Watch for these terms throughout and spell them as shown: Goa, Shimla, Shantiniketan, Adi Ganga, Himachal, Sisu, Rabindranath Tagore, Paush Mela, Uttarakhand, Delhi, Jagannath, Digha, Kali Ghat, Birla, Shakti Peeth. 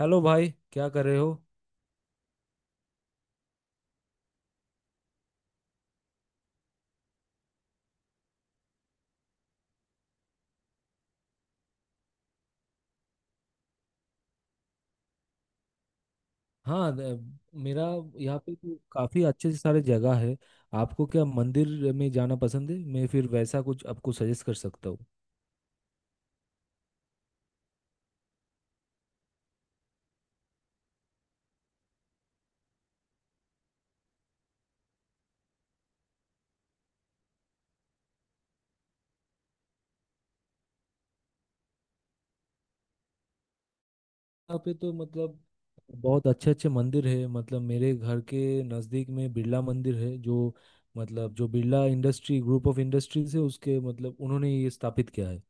Hello भाई, क्या कर रहे हो? हाँ, मेरा यहाँ पे तो काफ़ी अच्छे से सारे जगह है। आपको क्या मंदिर में जाना पसंद है? मैं फिर वैसा कुछ आपको सजेस्ट कर सकता हूँ। यहाँ पे तो मतलब बहुत अच्छे अच्छे मंदिर है। मतलब मेरे घर के नज़दीक में बिरला मंदिर है, जो मतलब, जो Birla industry group of industries है, उसके मतलब उन्होंने ये स्थापित किया है।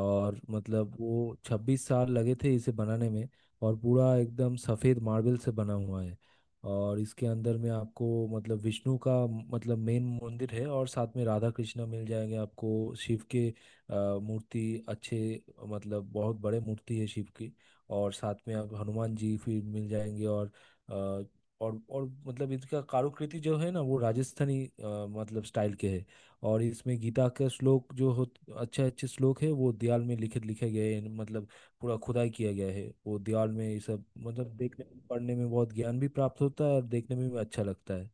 और मतलब वो 26 साल लगे थे इसे बनाने में। और पूरा एकदम सफ़ेद मार्बल से बना हुआ है। और इसके अंदर में आपको मतलब विष्णु का मतलब मेन मंदिर है, और साथ में राधा कृष्णा मिल जाएंगे। आपको शिव के मूर्ति अच्छे, मतलब बहुत बड़े मूर्ति है शिव की। और साथ में आप हनुमान जी फिर मिल जाएंगे। और अ, और मतलब इसका कारुकृति जो है ना, वो राजस्थानी मतलब स्टाइल के है। और इसमें गीता के श्लोक जो हो, अच्छे अच्छे श्लोक है, वो दीवार में लिखित लिखे गए हैं। मतलब पूरा खुदाई किया गया है वो दीवार में। ये सब मतलब देखने, पढ़ने में बहुत ज्ञान भी प्राप्त होता है, और देखने में भी अच्छा लगता है।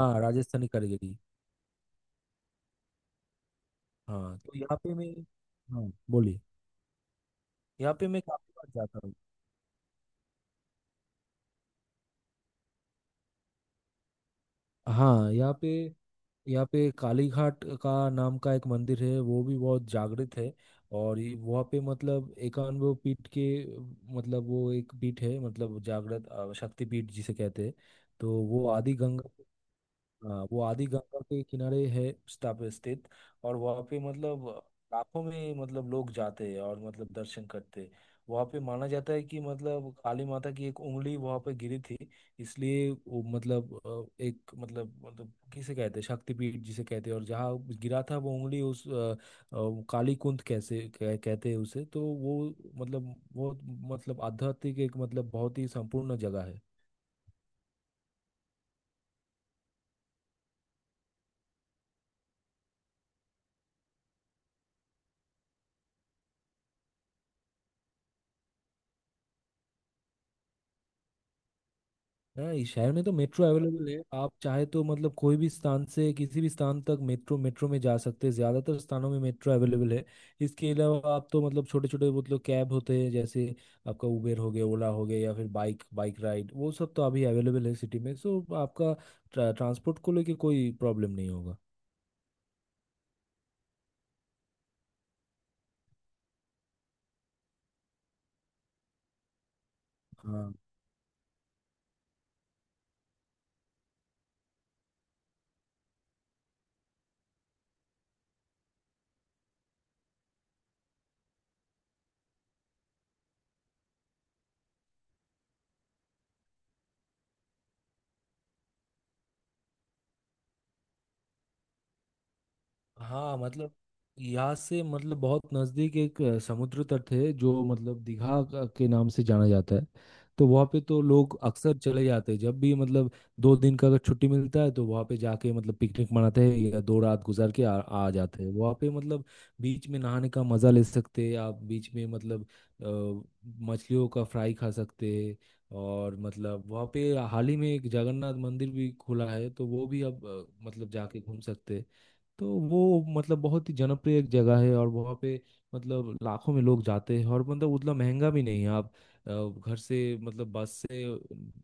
हाँ, राजस्थानी कारीगरी। हाँ, तो यहाँ पे मैं। हाँ बोलिए। यहाँ पे मैं काफी बार जाता हूँ। हाँ, यहाँ पे काली घाट का नाम का एक मंदिर है, वो भी बहुत जागृत है। और वहाँ पे मतलब 91 पीठ के, मतलब वो एक पीठ है, मतलब जागृत शक्ति पीठ जिसे कहते हैं। तो वो आदि गंगा। हाँ, वो आदि गंगा के किनारे है स्थापित, स्थित। और वहाँ पे मतलब लाखों में मतलब लोग जाते हैं और मतलब दर्शन करते हैं। वहाँ पे माना जाता है कि मतलब काली माता की एक उंगली वहाँ पे गिरी थी। इसलिए वो मतलब एक मतलब किसे कहते हैं शक्तिपीठ, जिसे कहते हैं। और जहाँ गिरा था वो उंगली उस काली कुंत कैसे कहते हैं उसे, तो वो मतलब बहुत मतलब आध्यात्मिक एक मतलब बहुत ही संपूर्ण जगह है। नहीं, शहर में तो मेट्रो अवेलेबल है। आप चाहे तो मतलब कोई भी स्थान से किसी भी स्थान तक मेट्रो मेट्रो में जा सकते हैं। ज़्यादातर स्थानों में मेट्रो अवेलेबल है। इसके अलावा आप तो मतलब छोटे छोटे मतलब कैब होते हैं, जैसे आपका उबेर हो गया, ओला हो गया, या फिर बाइक बाइक राइड, वो सब तो अभी अवेलेबल है सिटी में, सो आपका ट्रांसपोर्ट को लेके कोई प्रॉब्लम नहीं होगा। हाँ। हाँ मतलब यहाँ से मतलब बहुत नज़दीक एक समुद्र तट है, जो मतलब दीघा के नाम से जाना जाता है। तो वहाँ पे तो लोग अक्सर चले जाते हैं, जब भी मतलब 2 दिन का अगर छुट्टी मिलता है, तो वहाँ पे जाके मतलब पिकनिक मनाते हैं या 2 रात गुजार के आ जाते हैं वहाँ पे। मतलब बीच में नहाने का मज़ा ले सकते हैं आप, बीच में मतलब अ, मछलियों का फ्राई खा सकते हैं। और मतलब वहाँ पे हाल ही में एक जगन्नाथ मंदिर भी खुला है, तो वो भी अब मतलब जाके घूम सकते हैं। तो वो मतलब बहुत ही जनप्रिय एक जगह है, और वहाँ पे मतलब लाखों में लोग जाते हैं, और मतलब उतना महंगा भी नहीं है। आप अ, घर से मतलब बस से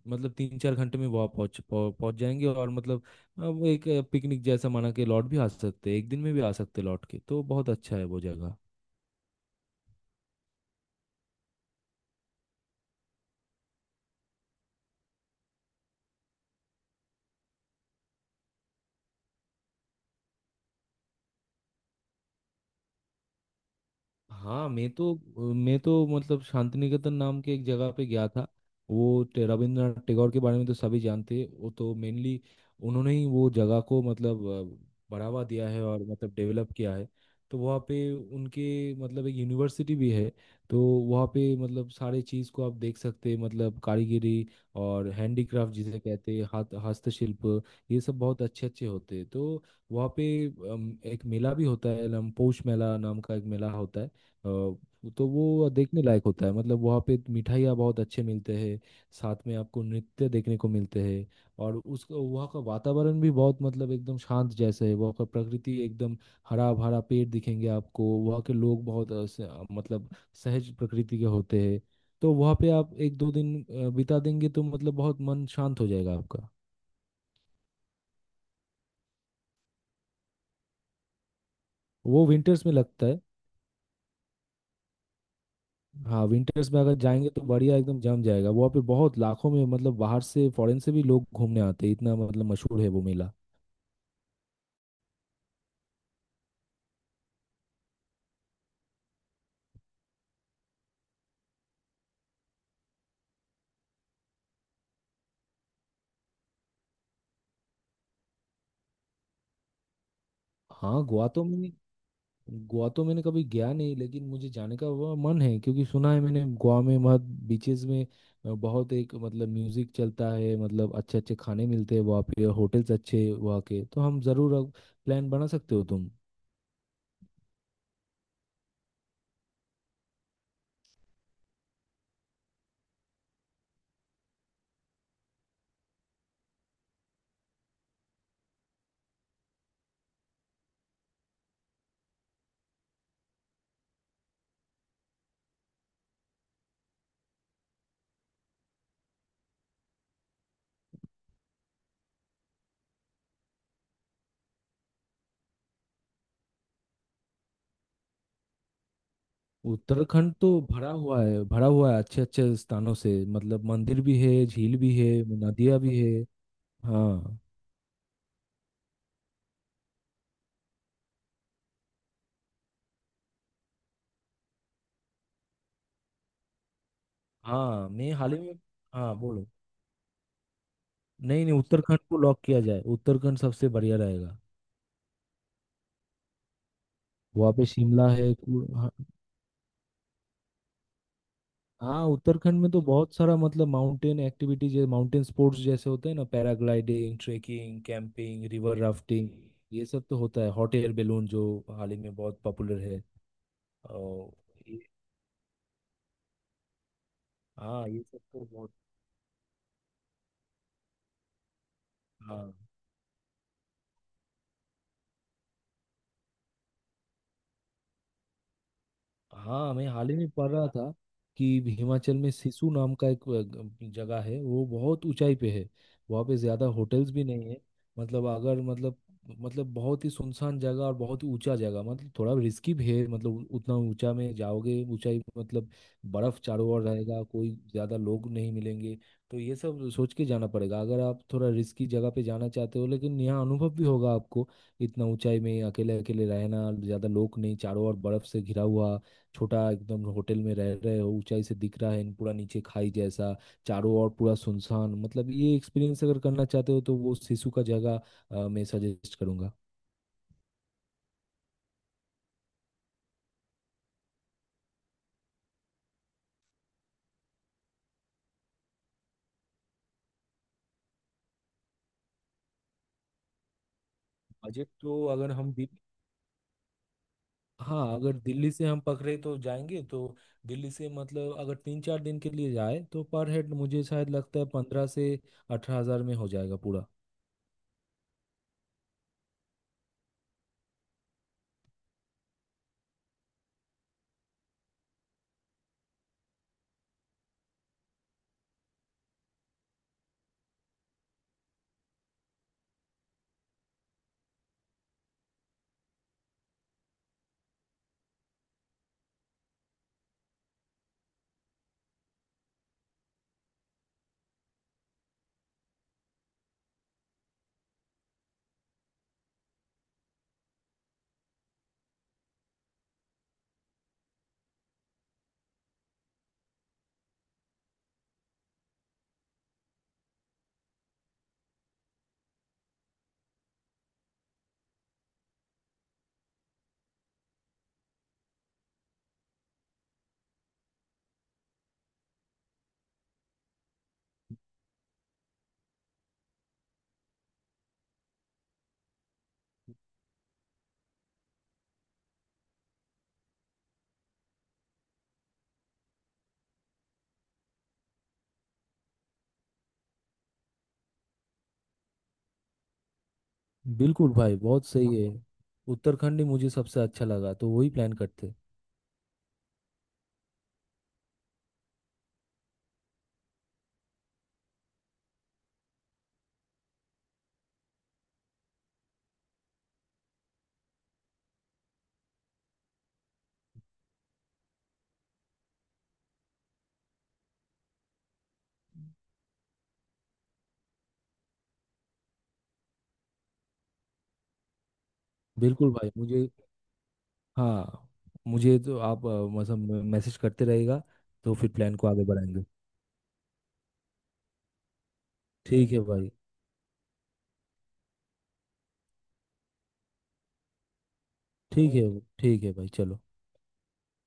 मतलब 3-4 घंटे में वहाँ पहुँच जाएंगे, और मतलब वो एक पिकनिक जैसा मना के लौट भी आ सकते हैं, एक दिन में भी आ सकते हैं लौट के, तो बहुत अच्छा है वो जगह। हाँ, मैं तो मतलब शांतिनिकेतन नाम के एक जगह पे गया था। वो रविंद्रनाथ टैगोर के बारे में तो सभी जानते हैं, वो तो मेनली उन्होंने ही वो जगह को मतलब बढ़ावा दिया है और मतलब डेवलप किया है। तो वहाँ पे उनके मतलब एक यूनिवर्सिटी भी है। तो वहाँ पे मतलब सारे चीज़ को आप देख सकते हैं, मतलब कारीगरी और हैंडीक्राफ्ट जिसे कहते हैं हाथ हस्तशिल्प, ये सब बहुत अच्छे अच्छे होते हैं। तो वहाँ पे एक मेला भी होता है, नाम पौष मेला नाम का एक मेला होता है। अ, तो वो देखने लायक होता है। मतलब वहाँ पे मिठाइयाँ बहुत अच्छे मिलते हैं, साथ में आपको नृत्य देखने को मिलते हैं। और उस वहाँ का वातावरण भी बहुत मतलब एकदम शांत जैसे है, वहाँ का प्रकृति एकदम हरा भरा, पेड़ दिखेंगे आपको। वहाँ के लोग बहुत मतलब सहज प्रकृति के होते हैं। तो वहाँ पे आप एक दो दिन बिता देंगे तो मतलब बहुत मन शांत हो जाएगा आपका। वो विंटर्स में लगता है। हाँ, विंटर्स में अगर जाएंगे तो बढ़िया, एकदम जम जाएगा वहाँ पे। बहुत लाखों में मतलब बाहर से, फॉरेन से भी लोग घूमने आते हैं, इतना मतलब मशहूर है वो मेला। हाँ, गोवा तो मैंने कभी गया नहीं, लेकिन मुझे जाने का वो मन है, क्योंकि सुना है मैंने गोवा में बहुत बीचेस में बहुत एक मतलब म्यूजिक चलता है, मतलब अच्छे अच्छे खाने मिलते हैं वहाँ पे, होटल्स अच्छे हैं वहाँ के, तो हम जरूर प्लान बना सकते हो तुम। उत्तराखंड तो भरा हुआ है, भरा हुआ है अच्छे अच्छे स्थानों से। मतलब मंदिर भी है, झील भी है, नदियाँ भी है। हाँ। हाँ मैं हाल ही में। हाँ बोलो। नहीं नहीं, उत्तराखंड को लॉक किया जाए, उत्तराखंड सबसे बढ़िया रहेगा। वहाँ पे शिमला है हाँ। हाँ, उत्तराखंड में तो बहुत सारा मतलब माउंटेन एक्टिविटी, जैसे माउंटेन स्पोर्ट्स जैसे होते हैं ना, paragliding, trekking, camping, river rafting, ये सब तो होता है। हॉट एयर बैलून जो हाल ही में बहुत पॉपुलर है। और ये- हाँ, ये सब तो बहुत। हाँ, हाँ मैं हाल ही में पढ़ रहा था, कि हिमाचल में सिसु नाम का एक जगह है, वो बहुत ऊंचाई पे है। वहाँ पे ज़्यादा होटल्स भी नहीं है। मतलब अगर मतलब, मतलब बहुत ही सुनसान जगह, और बहुत ही ऊंचा जगह। मतलब थोड़ा रिस्की भी है। मतलब उतना ऊंचा में जाओगे, ऊंचाई पे मतलब बर्फ चारों ओर रहेगा, कोई ज़्यादा लोग नहीं मिलेंगे। तो ये सब सोच के जाना पड़ेगा, अगर आप थोड़ा रिस्की जगह पे जाना चाहते हो। लेकिन यहाँ अनुभव भी होगा आपको, इतना ऊंचाई में अकेले अकेले रहना, ज्यादा लोग नहीं, चारों ओर बर्फ से घिरा हुआ, छोटा एकदम होटल में रह रहे हो, ऊंचाई से दिख रहा है एंड पूरा नीचे खाई जैसा, चारों ओर पूरा सुनसान। मतलब ये एक्सपीरियंस अगर करना चाहते हो, तो वो सिसु का जगह मैं सजेस्ट करूंगा। बजट तो अगर हम दिल्ली। हाँ, अगर दिल्ली से हम पकड़े तो जाएंगे, तो दिल्ली से मतलब अगर 3-4 दिन के लिए जाए तो पर हेड मुझे शायद लगता है 15 से 18 हज़ार में हो जाएगा पूरा। बिल्कुल भाई, बहुत सही है, उत्तराखंड ही मुझे सबसे अच्छा लगा, तो वही प्लान करते। बिल्कुल भाई। मुझे। हाँ मुझे तो आप मतलब मैसेज करते रहेगा, तो फिर प्लान को आगे बढ़ाएंगे। ठीक है भाई। ठीक है। ठीक है भाई, चलो।